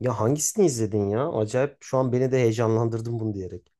Ya hangisini izledin ya? Acayip şu an beni de heyecanlandırdın bunu diyerek.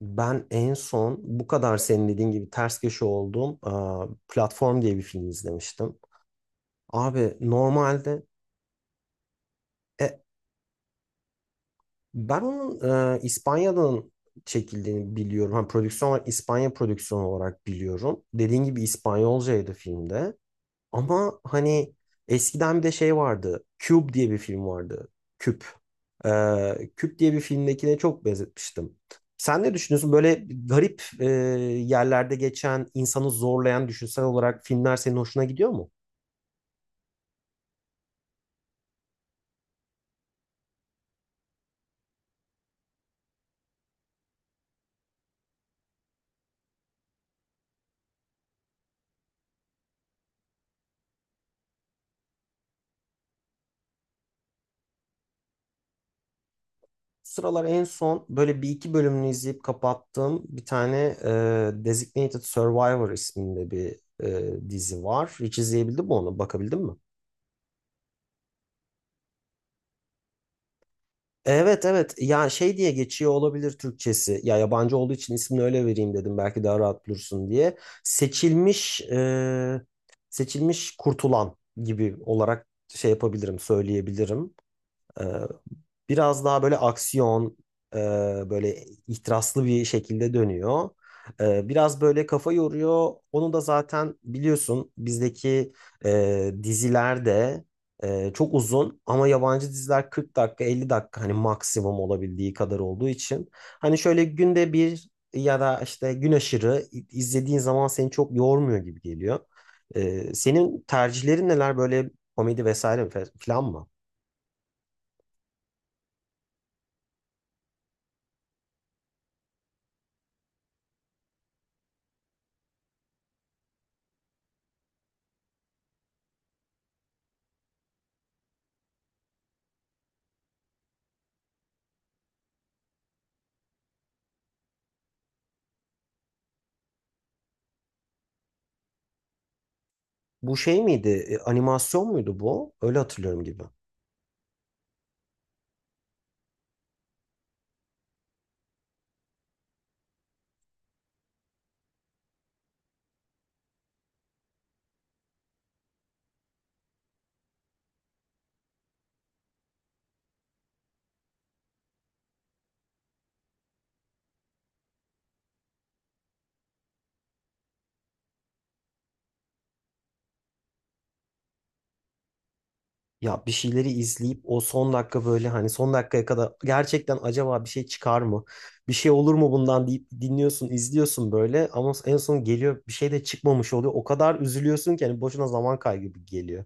Ben en son bu kadar senin dediğin gibi ters köşe olduğum Platform diye bir film izlemiştim. Abi normalde e, ben onun İspanya'dan çekildiğini biliyorum. Hani prodüksiyon olarak İspanya prodüksiyonu olarak biliyorum. Dediğin gibi İspanyolcaydı filmde. Ama hani eskiden bir de şey vardı. Cube diye bir film vardı. Küp. Küp diye bir filmdekine çok benzetmiştim. Sen ne düşünüyorsun? Böyle garip yerlerde geçen, insanı zorlayan düşünsel olarak filmler senin hoşuna gidiyor mu? Bu sıralar en son böyle bir iki bölümünü izleyip kapattığım bir tane Designated Survivor isminde bir dizi var. Hiç izleyebildin mi onu? Bakabildin mi? Evet, evet, ya şey diye geçiyor olabilir Türkçesi, ya yabancı olduğu için ismini öyle vereyim dedim belki daha rahat bulursun diye. Seçilmiş, seçilmiş kurtulan gibi olarak şey yapabilirim, söyleyebilirim. Biraz daha böyle aksiyon, e, böyle ihtiraslı bir şekilde dönüyor. Biraz böyle kafa yoruyor. Onu da zaten biliyorsun, bizdeki dizilerde çok uzun, ama yabancı diziler 40 dakika 50 dakika hani maksimum olabildiği kadar olduğu için, hani şöyle günde bir ya da işte gün aşırı izlediğin zaman seni çok yormuyor gibi geliyor. Senin tercihlerin neler böyle, komedi vesaire falan mı? Bu şey miydi? Animasyon muydu bu? Öyle hatırlıyorum gibi. Ya bir şeyleri izleyip o son dakika, böyle hani son dakikaya kadar, gerçekten acaba bir şey çıkar mı? Bir şey olur mu bundan deyip dinliyorsun, izliyorsun böyle, ama en son geliyor, bir şey de çıkmamış oluyor. O kadar üzülüyorsun ki hani boşuna zaman kaybı gibi geliyor.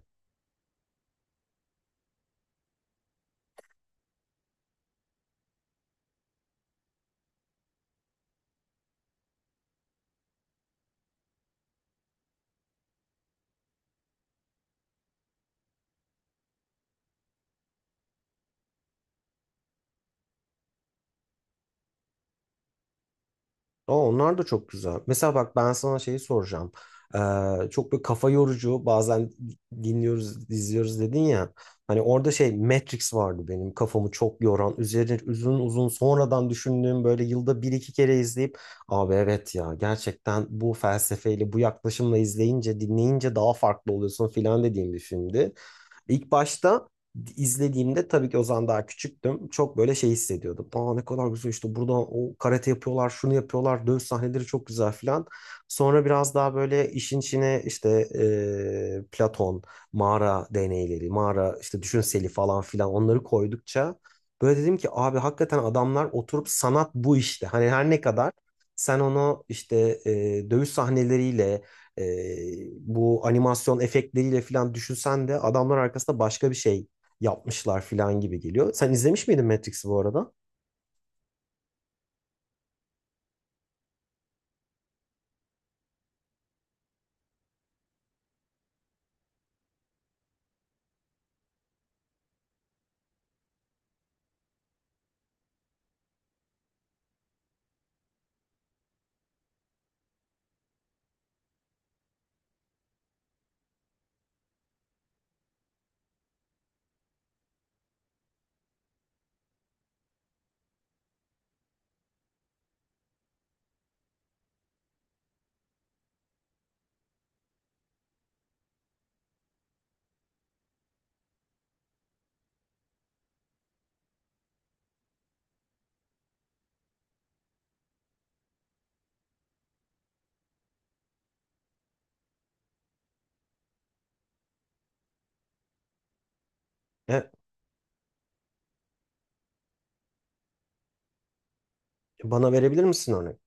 Aa, onlar da çok güzel. Mesela bak, ben sana şeyi soracağım. Çok böyle kafa yorucu bazen dinliyoruz, izliyoruz dedin ya. Hani orada şey Matrix vardı benim kafamı çok yoran. Üzerine uzun uzun sonradan düşündüğüm, böyle yılda bir iki kere izleyip, abi evet ya, gerçekten bu felsefeyle bu yaklaşımla izleyince dinleyince daha farklı oluyorsun filan dediğim bir filmdi. İlk başta izlediğimde, tabii ki o zaman daha küçüktüm, çok böyle şey hissediyordum. Aa, ne kadar güzel, işte burada o karate yapıyorlar, şunu yapıyorlar, dövüş sahneleri çok güzel filan. Sonra biraz daha böyle işin içine, işte Platon, mağara deneyleri, mağara işte düşünseli falan filan, onları koydukça böyle dedim ki, abi hakikaten adamlar oturup, sanat bu işte. Hani her ne kadar sen onu işte dövüş sahneleriyle e, bu animasyon efektleriyle falan düşünsen de, adamlar arkasında başka bir şey yapmışlar falan gibi geliyor. Sen izlemiş miydin Matrix'i bu arada? E, Bana verebilir misin örnek?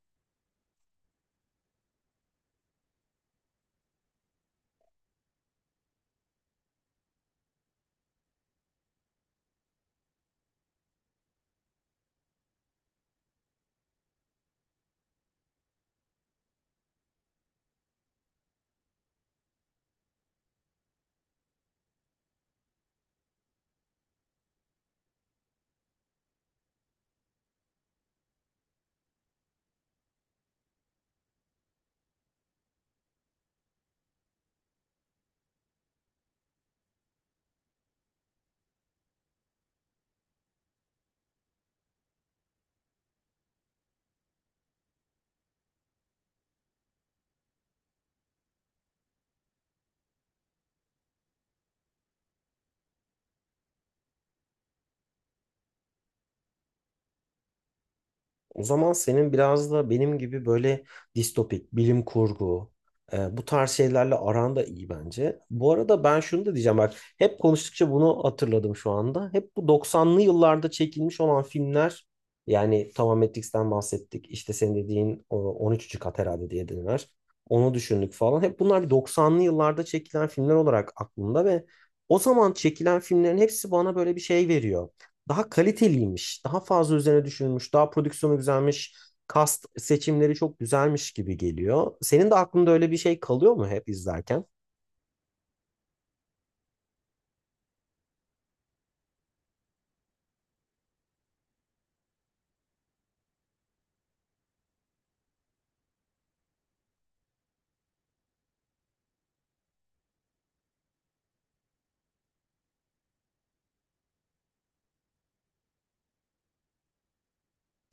O zaman senin biraz da benim gibi böyle distopik, bilim kurgu, bu tarz şeylerle aran da iyi bence. Bu arada ben şunu da diyeceğim bak, hep konuştukça bunu hatırladım şu anda. Hep bu 90'lı yıllarda çekilmiş olan filmler, yani tamam Matrix'ten bahsettik. İşte senin dediğin o 13. kat herhalde diye dediler, onu düşündük falan. Hep bunlar bir 90'lı yıllarda çekilen filmler olarak aklımda, ve o zaman çekilen filmlerin hepsi bana böyle bir şey veriyor: daha kaliteliymiş, daha fazla üzerine düşünülmüş, daha prodüksiyonu güzelmiş, cast seçimleri çok güzelmiş gibi geliyor. Senin de aklında öyle bir şey kalıyor mu hep izlerken?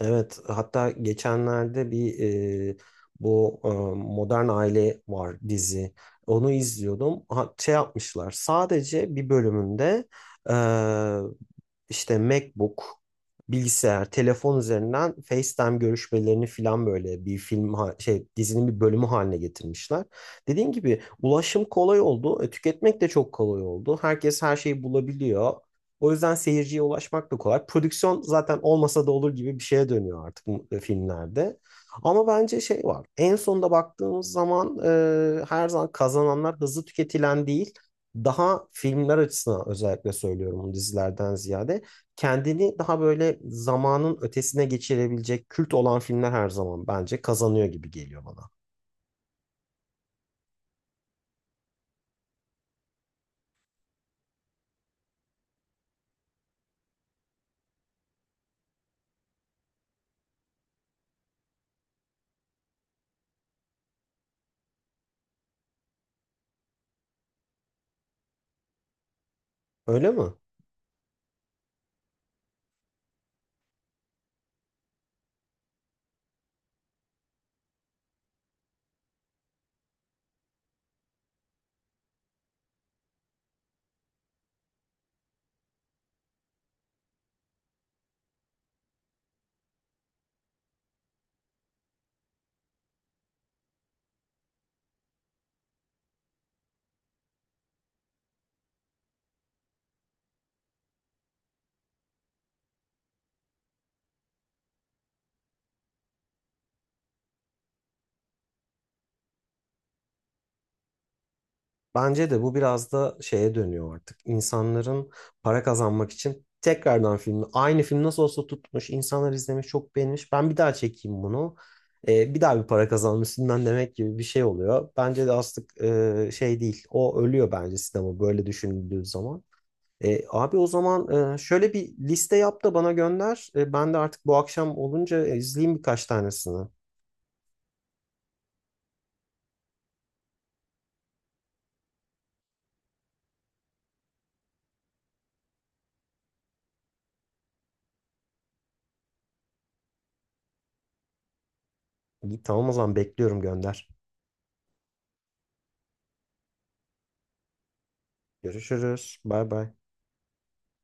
Evet, hatta geçenlerde bir e, bu Modern Aile var, dizi. Onu izliyordum. Ha, şey yapmışlar. Sadece bir bölümünde e, işte MacBook, bilgisayar, telefon üzerinden FaceTime görüşmelerini filan böyle bir şey dizinin bir bölümü haline getirmişler. Dediğim gibi ulaşım kolay oldu, tüketmek de çok kolay oldu. Herkes her şeyi bulabiliyor. O yüzden seyirciye ulaşmak da kolay. Prodüksiyon zaten olmasa da olur gibi bir şeye dönüyor artık bu filmlerde. Ama bence şey var. En sonunda baktığımız zaman her zaman kazananlar hızlı tüketilen değil, daha filmler açısından özellikle söylüyorum bunu, dizilerden ziyade kendini daha böyle zamanın ötesine geçirebilecek, kült olan filmler her zaman bence kazanıyor gibi geliyor bana. Öyle mi? Bence de bu biraz da şeye dönüyor artık. İnsanların para kazanmak için tekrardan filmi, aynı film nasıl olsa tutmuş, insanlar izlemiş, çok beğenmiş, ben bir daha çekeyim bunu. Bir daha bir para kazanma üstünden demek gibi bir şey oluyor. Bence de aslında şey değil. O ölüyor bence, sinema, böyle düşünüldüğü zaman. Abi o zaman şöyle bir liste yap da bana gönder. Ben de artık bu akşam olunca izleyeyim birkaç tanesini. İyi, tamam, o zaman bekliyorum, gönder. Görüşürüz. Bay bay.